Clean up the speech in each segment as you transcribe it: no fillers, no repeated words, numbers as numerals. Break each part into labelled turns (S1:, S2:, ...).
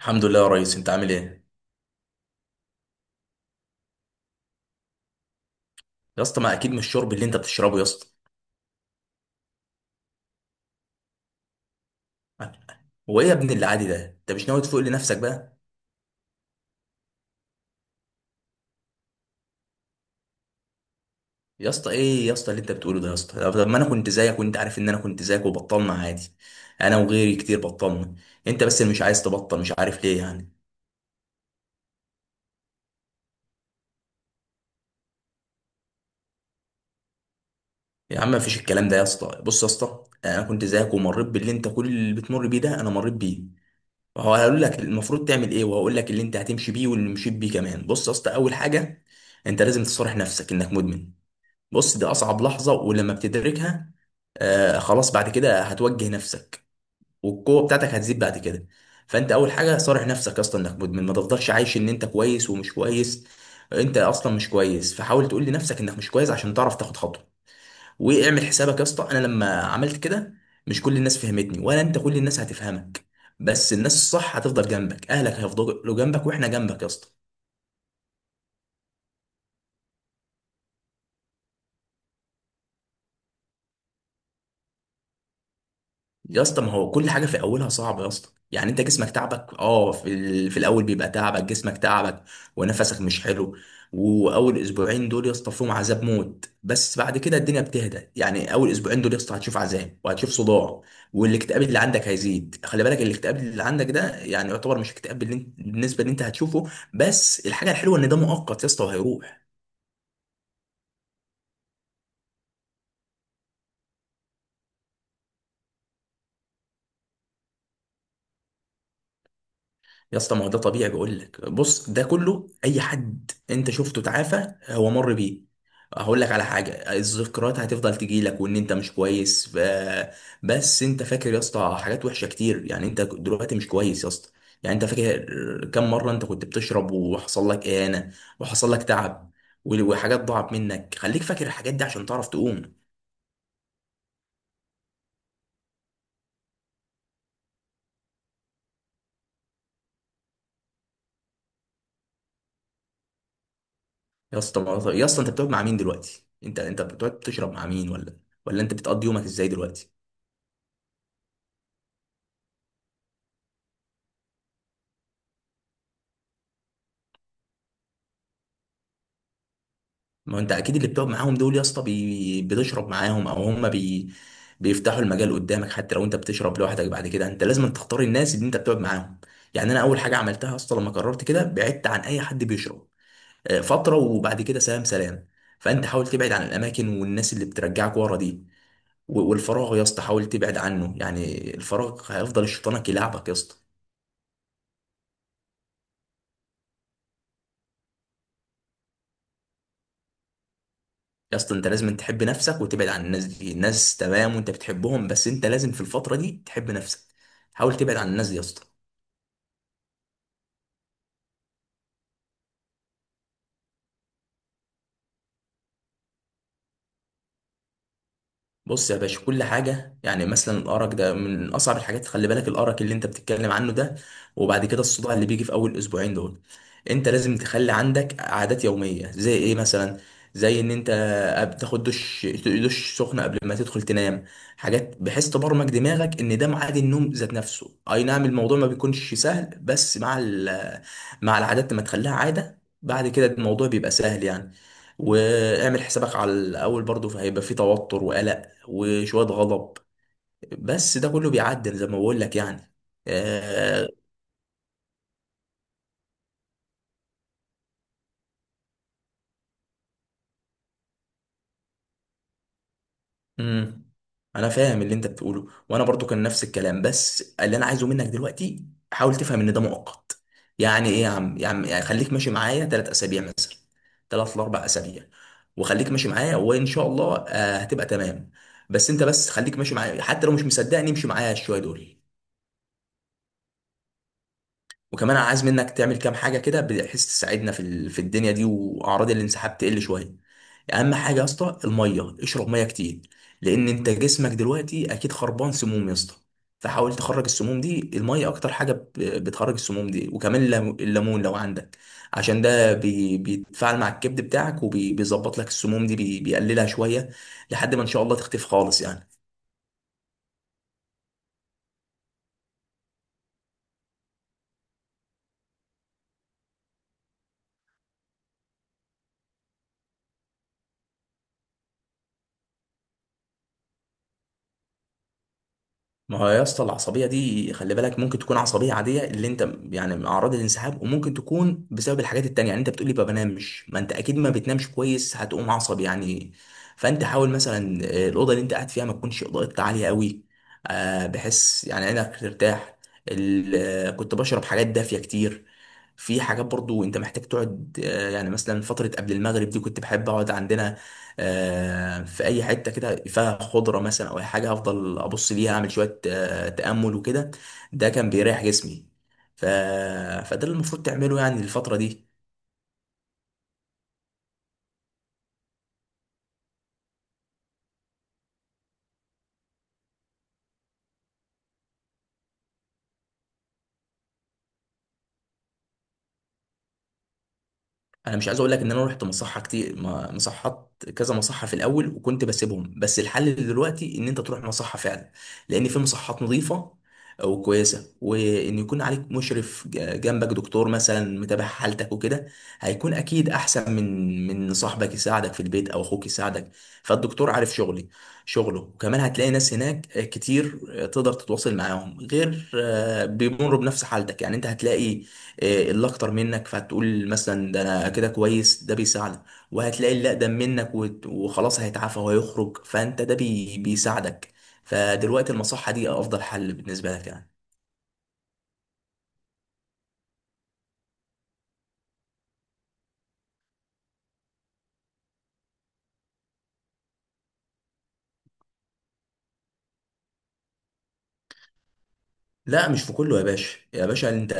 S1: الحمد لله يا ريس، انت عامل ايه؟ يا اسطى، ما اكيد مش شرب اللي انت بتشربه يا اسطى. هو ايه يا ابن اللي عادي ده؟ انت مش ناوي تفوق لنفسك بقى؟ يا اسطى، ايه يا اسطى اللي انت بتقوله ده يا اسطى؟ طب، ما انا كنت زيك، وانت عارف ان انا كنت زيك وبطلنا عادي. انا وغيري كتير بطلنا. انت بس اللي مش عايز تبطل، مش عارف ليه يعني. يا عم، مفيش الكلام ده يا اسطى. بص يا اسطى، انا كنت زيك ومريت باللي انت كل اللي بتمر بيه ده انا مريت بيه. وهو هقول لك المفروض تعمل ايه، وهقول لك اللي انت هتمشي بيه واللي مشيت بيه كمان. بص يا اسطى، اول حاجه انت لازم تصارح نفسك انك مدمن. بص، دي اصعب لحظه، ولما بتدركها آه خلاص، بعد كده هتوجه نفسك، والقوه بتاعتك هتزيد بعد كده. فانت اول حاجه صارح نفسك اصلا انك مدمن. ما تفضلش عايش ان انت كويس ومش كويس. انت اصلا مش كويس، فحاول تقول لنفسك انك مش كويس عشان تعرف تاخد خطوه. واعمل حسابك يا اسطى، انا لما عملت كده مش كل الناس فهمتني، ولا انت كل الناس هتفهمك. بس الناس الصح هتفضل جنبك، اهلك هيفضلوا جنبك واحنا جنبك يا اسطى. يا اسطى، ما هو كل حاجه في اولها صعبه يا اسطى، يعني انت جسمك تعبك. في الاول بيبقى تعبك، جسمك تعبك ونفسك مش حلو. واول اسبوعين دول يا اسطى فيهم عذاب موت، بس بعد كده الدنيا بتهدى. يعني اول اسبوعين دول يا اسطى هتشوف عذاب وهتشوف صداع، والاكتئاب اللي عندك هيزيد. خلي بالك، الاكتئاب اللي عندك ده يعني يعتبر مش اكتئاب بالنسبه اللي انت هتشوفه. بس الحاجه الحلوه ان ده مؤقت يا اسطى وهيروح. يا اسطى، ما هو ده طبيعي، بقول لك بص، ده كله اي حد انت شفته تعافى هو مر بيه. هقول لك على حاجه، الذكريات هتفضل تجي لك وان انت مش كويس بس انت فاكر يا اسطى حاجات وحشه كتير. يعني انت دلوقتي مش كويس يا اسطى. يعني انت فاكر كم مره انت كنت بتشرب وحصل لك اهانه وحصل لك تعب وحاجات ضاعت منك. خليك فاكر الحاجات دي عشان تعرف تقوم. يا اسطى، يا اسطى انت بتقعد مع مين دلوقتي؟ انت بتقعد بتشرب مع مين؟ ولا انت بتقضي يومك ازاي دلوقتي؟ ما انت اكيد اللي بتقعد معاهم دول يا اسطى بتشرب معاهم، او هم بيفتحوا المجال قدامك. حتى لو انت بتشرب لوحدك، بعد كده انت لازم تختار الناس اللي انت بتقعد معاهم. يعني انا اول حاجه عملتها اصلا لما قررت كده بعدت عن اي حد بيشرب فتره، وبعد كده سلام سلام. فانت حاول تبعد عن الاماكن والناس اللي بترجعك ورا دي، والفراغ يا اسطى حاول تبعد عنه. يعني الفراغ هيفضل الشيطانك يلعبك يا اسطى. يا اسطى، انت لازم تحب نفسك وتبعد عن الناس دي. الناس تمام وانت بتحبهم، بس انت لازم في الفترة دي تحب نفسك. حاول تبعد عن الناس دي يا اسطى. بص يا باشا، كل حاجة، يعني مثلا الأرق ده من أصعب الحاجات. خلي بالك الأرق اللي أنت بتتكلم عنه ده، وبعد كده الصداع اللي بيجي في أول أسبوعين دول، أنت لازم تخلي عندك عادات يومية. زي إيه مثلا؟ زي إن أنت بتاخد دش، دش سخن قبل ما تدخل تنام. حاجات بحيث تبرمج دماغك إن ده ميعاد النوم ذات نفسه. أي نعم، الموضوع ما بيكونش سهل، بس مع مع العادات لما تخليها عادة بعد كده الموضوع بيبقى سهل يعني. واعمل حسابك على الاول برضو، فهيبقى في توتر وقلق وشوية غضب، بس ده كله بيعدل زي ما بقول لك يعني. آه... مم. انا فاهم اللي انت بتقوله، وانا برضو كان نفس الكلام، بس اللي انا عايزه منك دلوقتي حاول تفهم ان ده مؤقت. يعني ايه يا عم؟ يا عم، يعني خليك ماشي معايا 3 اسابيع مثلا، 3 لـ4 اسابيع. وخليك ماشي معايا وان شاء الله آه هتبقى تمام. بس انت بس خليك ماشي معايا، حتى لو مش مصدقني امشي معايا شويه دول. وكمان انا عايز منك تعمل كام حاجه كده بحيث تساعدنا في في الدنيا دي، واعراض الانسحاب تقل شويه. اهم حاجه يا اسطى الميه، اشرب ميه كتير، لان انت جسمك دلوقتي اكيد خربان، سموم يا اسطى. فحاول تخرج السموم دي. الميه اكتر حاجه بتخرج السموم دي، وكمان الليمون لو عندك، عشان ده بيتفاعل مع الكبد بتاعك، وبيظبط لك السموم دي، بيقللها شويه، لحد ما ان شاء الله تختفي خالص يعني. ما هو يا اسطى العصبيه دي، خلي بالك ممكن تكون عصبيه عاديه اللي انت يعني اعراض الانسحاب، وممكن تكون بسبب الحاجات التانية. يعني انت بتقولي ما بنامش، ما انت اكيد ما بتنامش كويس، هتقوم عصبي يعني. فانت حاول مثلا، الاوضه اللي انت قاعد فيها ما تكونش اضاءتها عاليه قوي، بحيث يعني عينك ترتاح. كنت بشرب حاجات دافيه كتير. في حاجات برضو انت محتاج تقعد، يعني مثلا فتره قبل المغرب دي كنت بحب اقعد عندنا في اي حته كده فيها خضره مثلا، او اي حاجه هفضل ابص ليها، اعمل شويه تامل وكده. ده كان بيريح جسمي. ف... فده اللي المفروض تعمله يعني الفتره دي. انا مش عايز اقول لك ان انا رحت مصحه كتير، مصحات كذا مصحه في الاول وكنت بسيبهم، بس الحل دلوقتي ان انت تروح مصحه فعلا. لان في مصحات نظيفه وكويسه، وان يكون عليك مشرف جنبك، دكتور مثلا متابع حالتك وكده. هيكون اكيد احسن من صاحبك يساعدك في البيت او اخوك يساعدك. فالدكتور عارف شغلي شغله، وكمان هتلاقي ناس هناك كتير تقدر تتواصل معاهم، غير بيمروا بنفس حالتك. يعني انت هتلاقي اللي اكتر منك، فهتقول مثلا ده انا كده كويس، ده بيساعدك. وهتلاقي اللي اقدم منك وخلاص هيتعافى وهيخرج، فانت ده بيساعدك. فدلوقتي المصحة دي افضل حل بالنسبة لك يعني. لا، مش في كله يا باشا. يا باشا انت،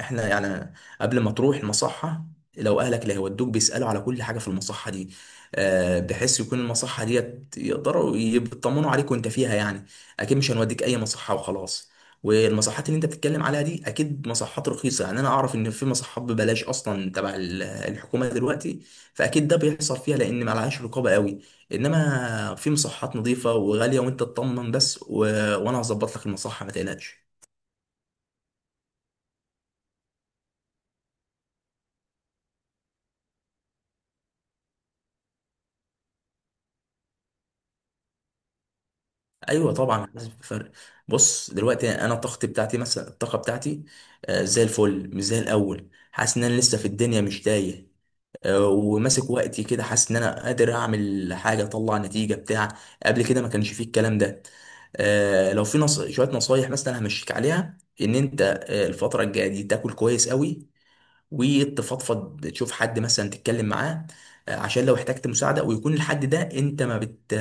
S1: احنا يعني قبل ما تروح المصحة، لو اهلك اللي هيودوك بيسألوا على كل حاجة في المصحة دي، بحيث يكون المصحة ديت يقدروا يطمنوا عليك وانت فيها يعني. اكيد مش هنوديك اي مصحة وخلاص. والمصحات اللي انت بتتكلم عليها دي اكيد مصحات رخيصة. يعني انا اعرف ان في مصحات ببلاش اصلا تبع الحكومة دلوقتي، فاكيد ده بيحصل فيها لان معلهاش رقابة قوي. انما في مصحات نظيفة وغالية وانت تطمن بس، وانا هظبط لك المصحة ما تقلقش. ايوه طبعا حاسس بفرق. بص دلوقتي انا الطاقه بتاعتي، مثلا الطاقه بتاعتي زي الفل، مش زي الاول. حاسس ان انا لسه في الدنيا مش تايه، وماسك وقتي كده. حاسس ان انا قادر اعمل حاجه اطلع نتيجه بتاع، قبل كده ما كانش فيه الكلام ده. لو في شويه نصايح مثلا همشيك عليها، ان انت الفتره الجايه دي تاكل كويس قوي، وتفضفض، تشوف حد مثلا تتكلم معاه، عشان لو احتجت مساعده. ويكون الحد ده انت ما بت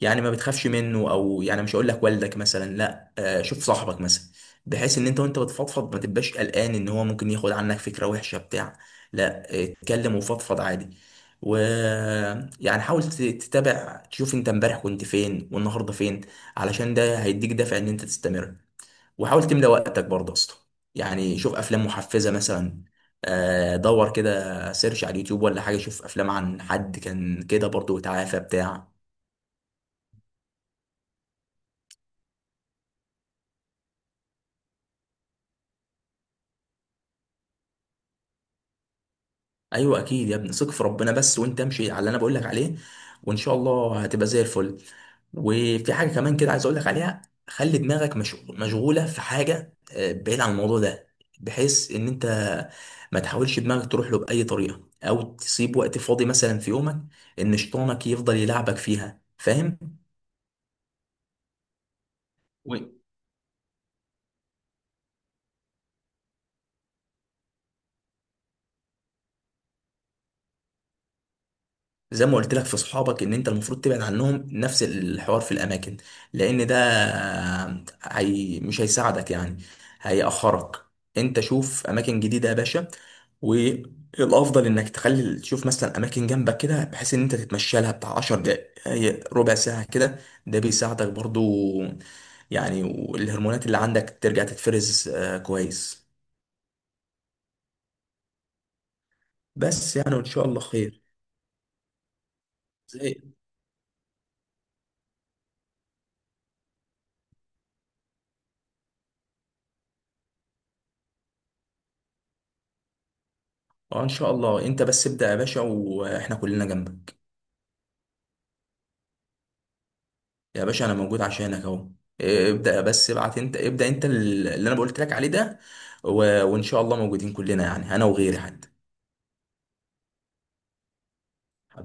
S1: يعني ما بتخافش منه، او يعني مش هقول لك والدك مثلا، لا، شوف صاحبك مثلا، بحيث ان انت وانت بتفضفض ما تبقاش قلقان ان هو ممكن ياخد عنك فكره وحشه بتاع. لا، اتكلم وفضفض عادي. و يعني حاول تتابع، تشوف انت امبارح كنت فين والنهارده فين، علشان ده هيديك دافع ان انت تستمر. وحاول تملى وقتك برضه يا اسطى. يعني شوف افلام محفزه مثلا، دور كده، سيرش على اليوتيوب ولا حاجه، شوف افلام عن حد كان كده برضه وتعافى بتاع. ايوه اكيد يا ابني، ثق في ربنا بس، وانت امشي على اللي انا بقول لك عليه وان شاء الله هتبقى زي الفل. وفي حاجه كمان كده عايز اقول لك عليها، خلي دماغك مشغوله في حاجه بعيد عن الموضوع ده، بحيث ان انت ما تحاولش دماغك تروح له باي طريقه، او تسيب وقت فاضي مثلا في يومك ان شيطانك يفضل يلعبك فيها، فاهم؟ زي ما قلت لك في صحابك ان انت المفروض تبعد عنهم، نفس الحوار في الاماكن، لان ده هي مش هيساعدك يعني، هيأخرك. انت شوف اماكن جديدة يا باشا. والافضل انك تخلي تشوف مثلا اماكن جنبك كده بحيث ان انت تتمشى لها بتاع 10 دقايق ربع ساعة كده، ده بيساعدك برضو يعني. والهرمونات اللي عندك ترجع تتفرز كويس. بس يعني وان شاء الله خير. زي اه ان شاء الله، انت بس ابدأ يا باشا، واحنا كلنا جنبك. يا باشا انا موجود عشانك اهو. ابدا، بس ابعت انت، ابدا انت اللي انا قلت لك عليه ده، و... وان شاء الله موجودين كلنا، يعني انا وغيري حتى.